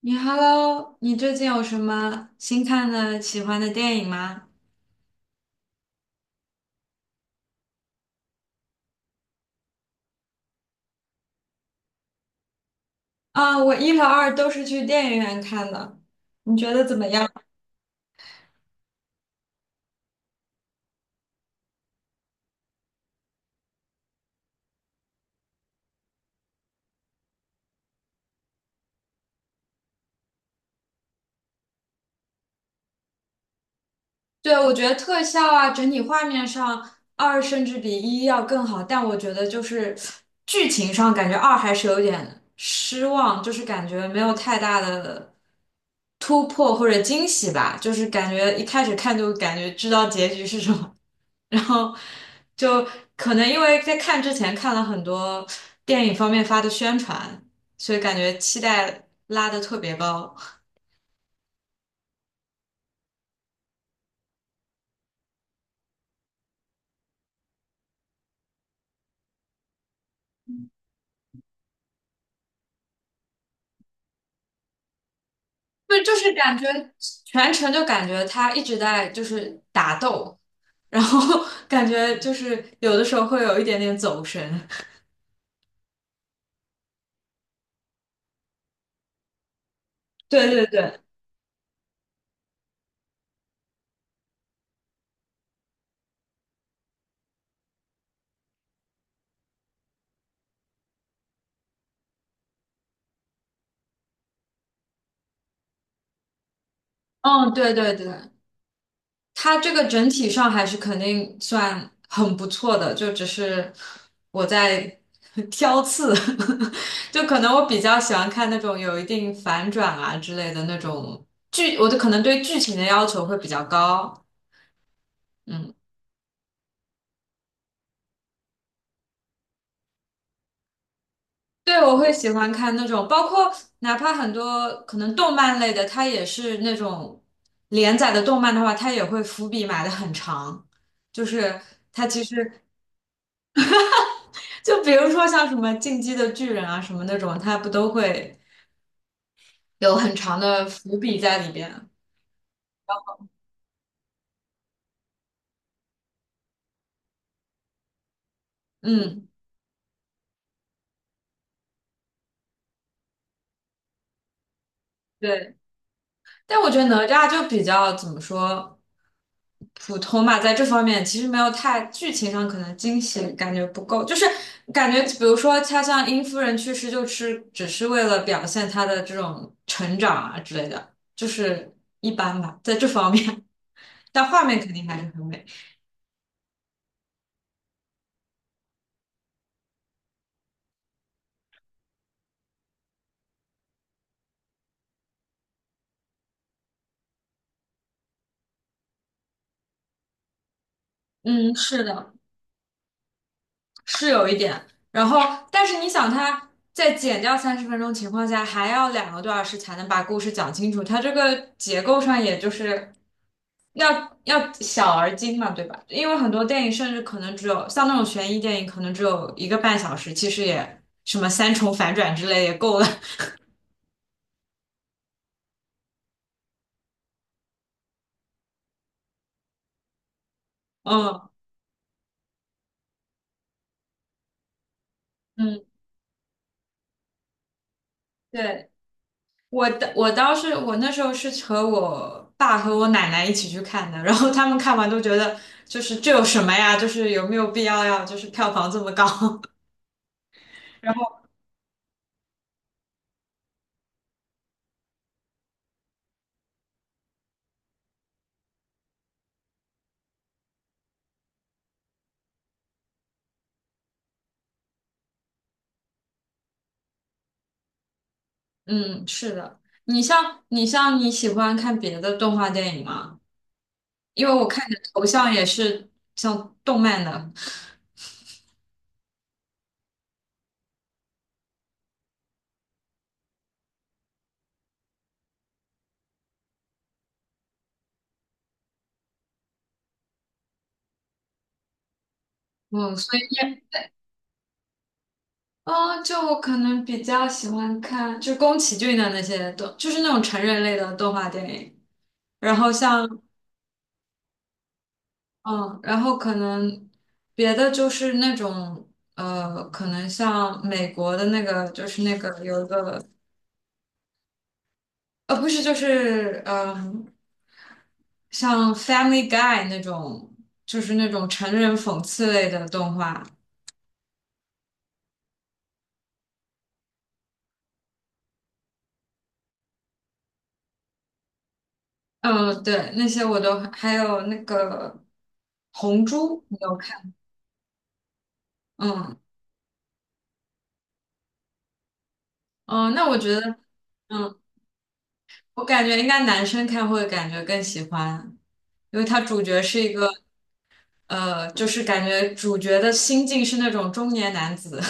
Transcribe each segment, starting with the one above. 你 Hello，你最近有什么新看的、喜欢的电影吗？啊，我一和二都是去电影院看的，你觉得怎么样？对，我觉得特效啊，整体画面上二甚至比一要更好，但我觉得就是剧情上感觉二还是有点失望，就是感觉没有太大的突破或者惊喜吧，就是感觉一开始看就感觉知道结局是什么，然后就可能因为在看之前看了很多电影方面发的宣传，所以感觉期待拉得特别高。对，就是感觉全程就感觉他一直在就是打斗，然后 感觉就是有的时候会有一点点走神。对对对，嗯，对对对，他这个整体上还是肯定算很不错的，就只是我在 挑刺，就可能我比较喜欢看那种有一定反转啊之类的那种剧，我的可能对剧情的要求会比较高。嗯。对，我会喜欢看那种，包括哪怕很多可能动漫类的，它也是那种连载的动漫的话，它也会伏笔埋的很长，就是它其实就比如说像什么《进击的巨人》啊什么那种，它不都会有很长的伏笔在里边？嗯，对。但我觉得哪吒就比较怎么说普通吧，在这方面其实没有太剧情上可能惊喜感觉不够，就是感觉比如说他像殷夫人去世，就是只是为了表现他的这种成长啊之类的，就是一般吧，在这方面，但画面肯定还是很美。嗯，是的。是有一点。然后，但是你想，他在减掉30分钟情况下，还要2个多小时才能把故事讲清楚，它这个结构上也就是要小而精嘛，对吧？因为很多电影甚至可能只有像那种悬疑电影，可能只有1个半小时，其实也什么三重反转之类也够了。嗯嗯，对。我倒是我那时候是和我爸和我奶奶一起去看的，然后他们看完都觉得就是这有什么呀？就是有没有必要要就是票房这么高？然后嗯，是的，你喜欢看别的动画电影吗？因为我看你的头像也是像动漫的，嗯，所以哦，就我可能比较喜欢看就宫崎骏的那些动，就是那种成人类的动画电影。然后像嗯，然后可能别的就是那种可能像美国的那个，就是那个有一个不是，就是嗯、像《Family Guy》那种，就是那种成人讽刺类的动画。嗯，对，那些我都还有那个《红猪》，你有看？嗯嗯，那我觉得，嗯，我感觉应该男生看会感觉更喜欢，因为它主角是一个。就是感觉主角的心境是那种中年男子，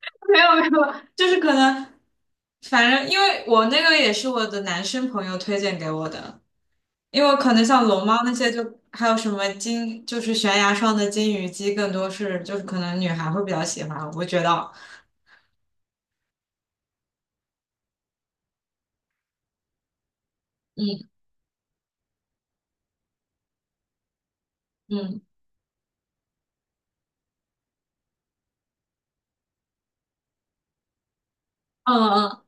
没有没有，就是可能，反正因为我那个也是我的男生朋友推荐给我的，因为可能像龙猫那些就还有什么金，就是悬崖上的金鱼姬，更多是就是可能女孩会比较喜欢，我觉得，嗯嗯嗯嗯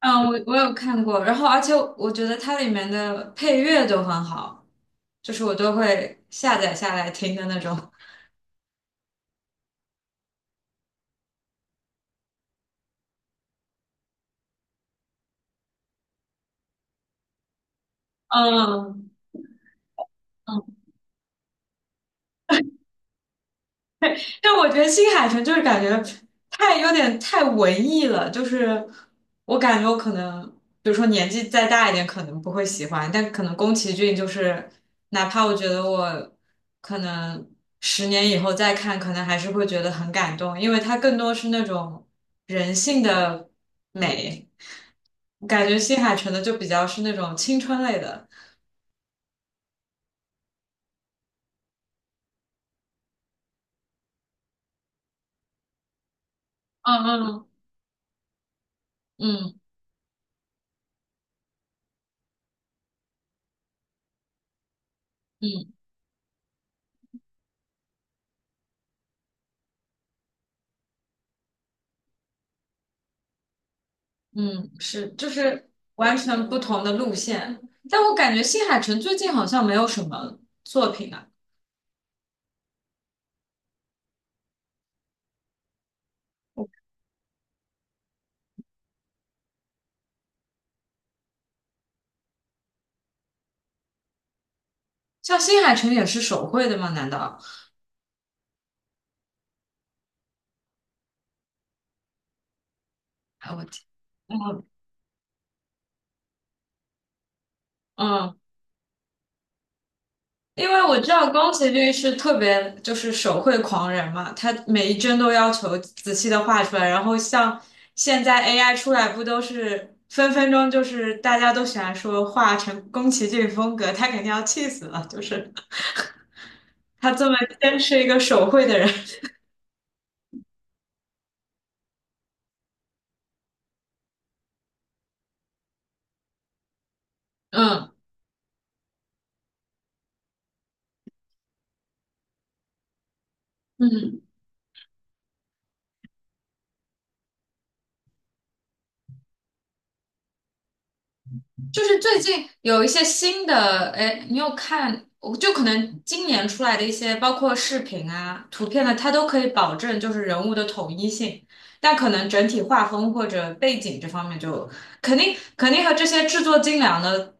嗯，我有看过，然后而且我觉得它里面的配乐都很好，就是我都会下载下来听的那种，嗯嗯但我觉得新海诚就是感觉有点太文艺了，就是我感觉我可能，比如说年纪再大一点，可能不会喜欢，但可能宫崎骏就是，哪怕我觉得我可能10年以后再看，可能还是会觉得很感动，因为它更多是那种人性的美，感觉新海诚的就比较是那种青春类的，嗯嗯。嗯嗯。嗯，是，就是完全不同的路线。但我感觉新海诚最近好像没有什么作品啊，像新海诚也是手绘的吗？难道？哎，我天，嗯嗯，因为我知道宫崎骏是特别就是手绘狂人嘛，他每一帧都要求仔细的画出来。然后像现在 AI 出来，不都是分分钟就是大家都喜欢说画成宫崎骏风格，他肯定要气死了，就是他这么坚持一个手绘的人，嗯。嗯，就是最近有一些新的，哎，你有看？我就可能今年出来的一些，包括视频啊、图片呢，它都可以保证就是人物的统一性，但可能整体画风或者背景这方面就肯定和这些制作精良的，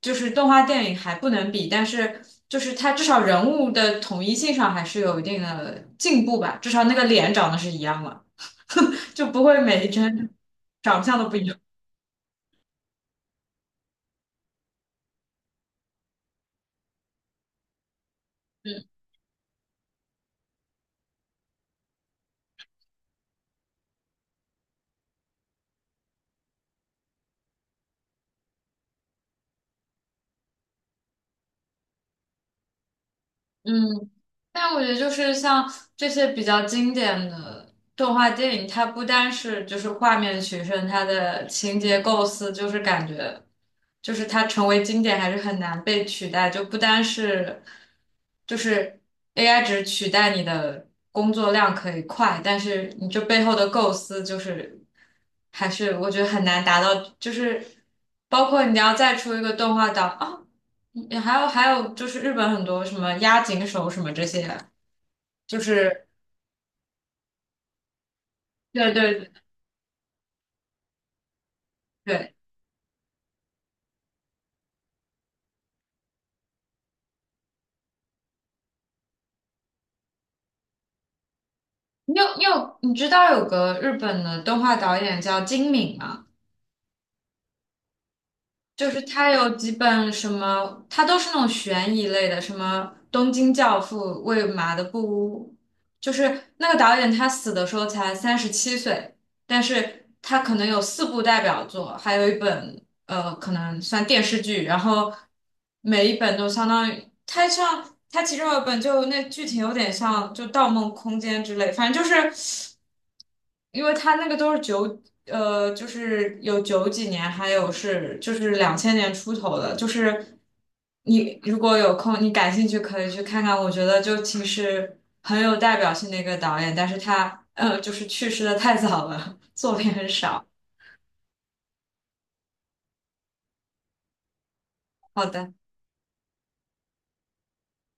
就是动画电影还不能比，但是就是它至少人物的统一性上还是有一定的进步吧，至少那个脸长得是一样了，就不会每一帧长相都不一样。嗯嗯但我觉得就是像这些比较经典的动画电影，它不单是就是画面取胜，它的情节构思就是感觉，就是它成为经典还是很难被取代，就不单是就是 AI 只取代你的工作量可以快，但是你这背后的构思就是还是我觉得很难达到，就是包括你要再出一个动画档啊。你还有还有，就是日本很多什么押井守什么这些，就是对对对，你知道有个日本的动画导演叫金敏吗？就是他有几本什么，他都是那种悬疑类的，什么《东京教父》《喂马的布屋》，就是那个导演他死的时候才37岁，但是他可能有四部代表作，还有一本可能算电视剧，然后每一本都相当于他其中有一本就那剧情有点像就《盗梦空间》之类，反正就是。因为他那个都是九，就是有九几年，还有是就是两千年出头的，就是你如果有空，你感兴趣可以去看看。我觉得就其实很有代表性的一个导演，但是他就是去世的太早了，作品很少。好的。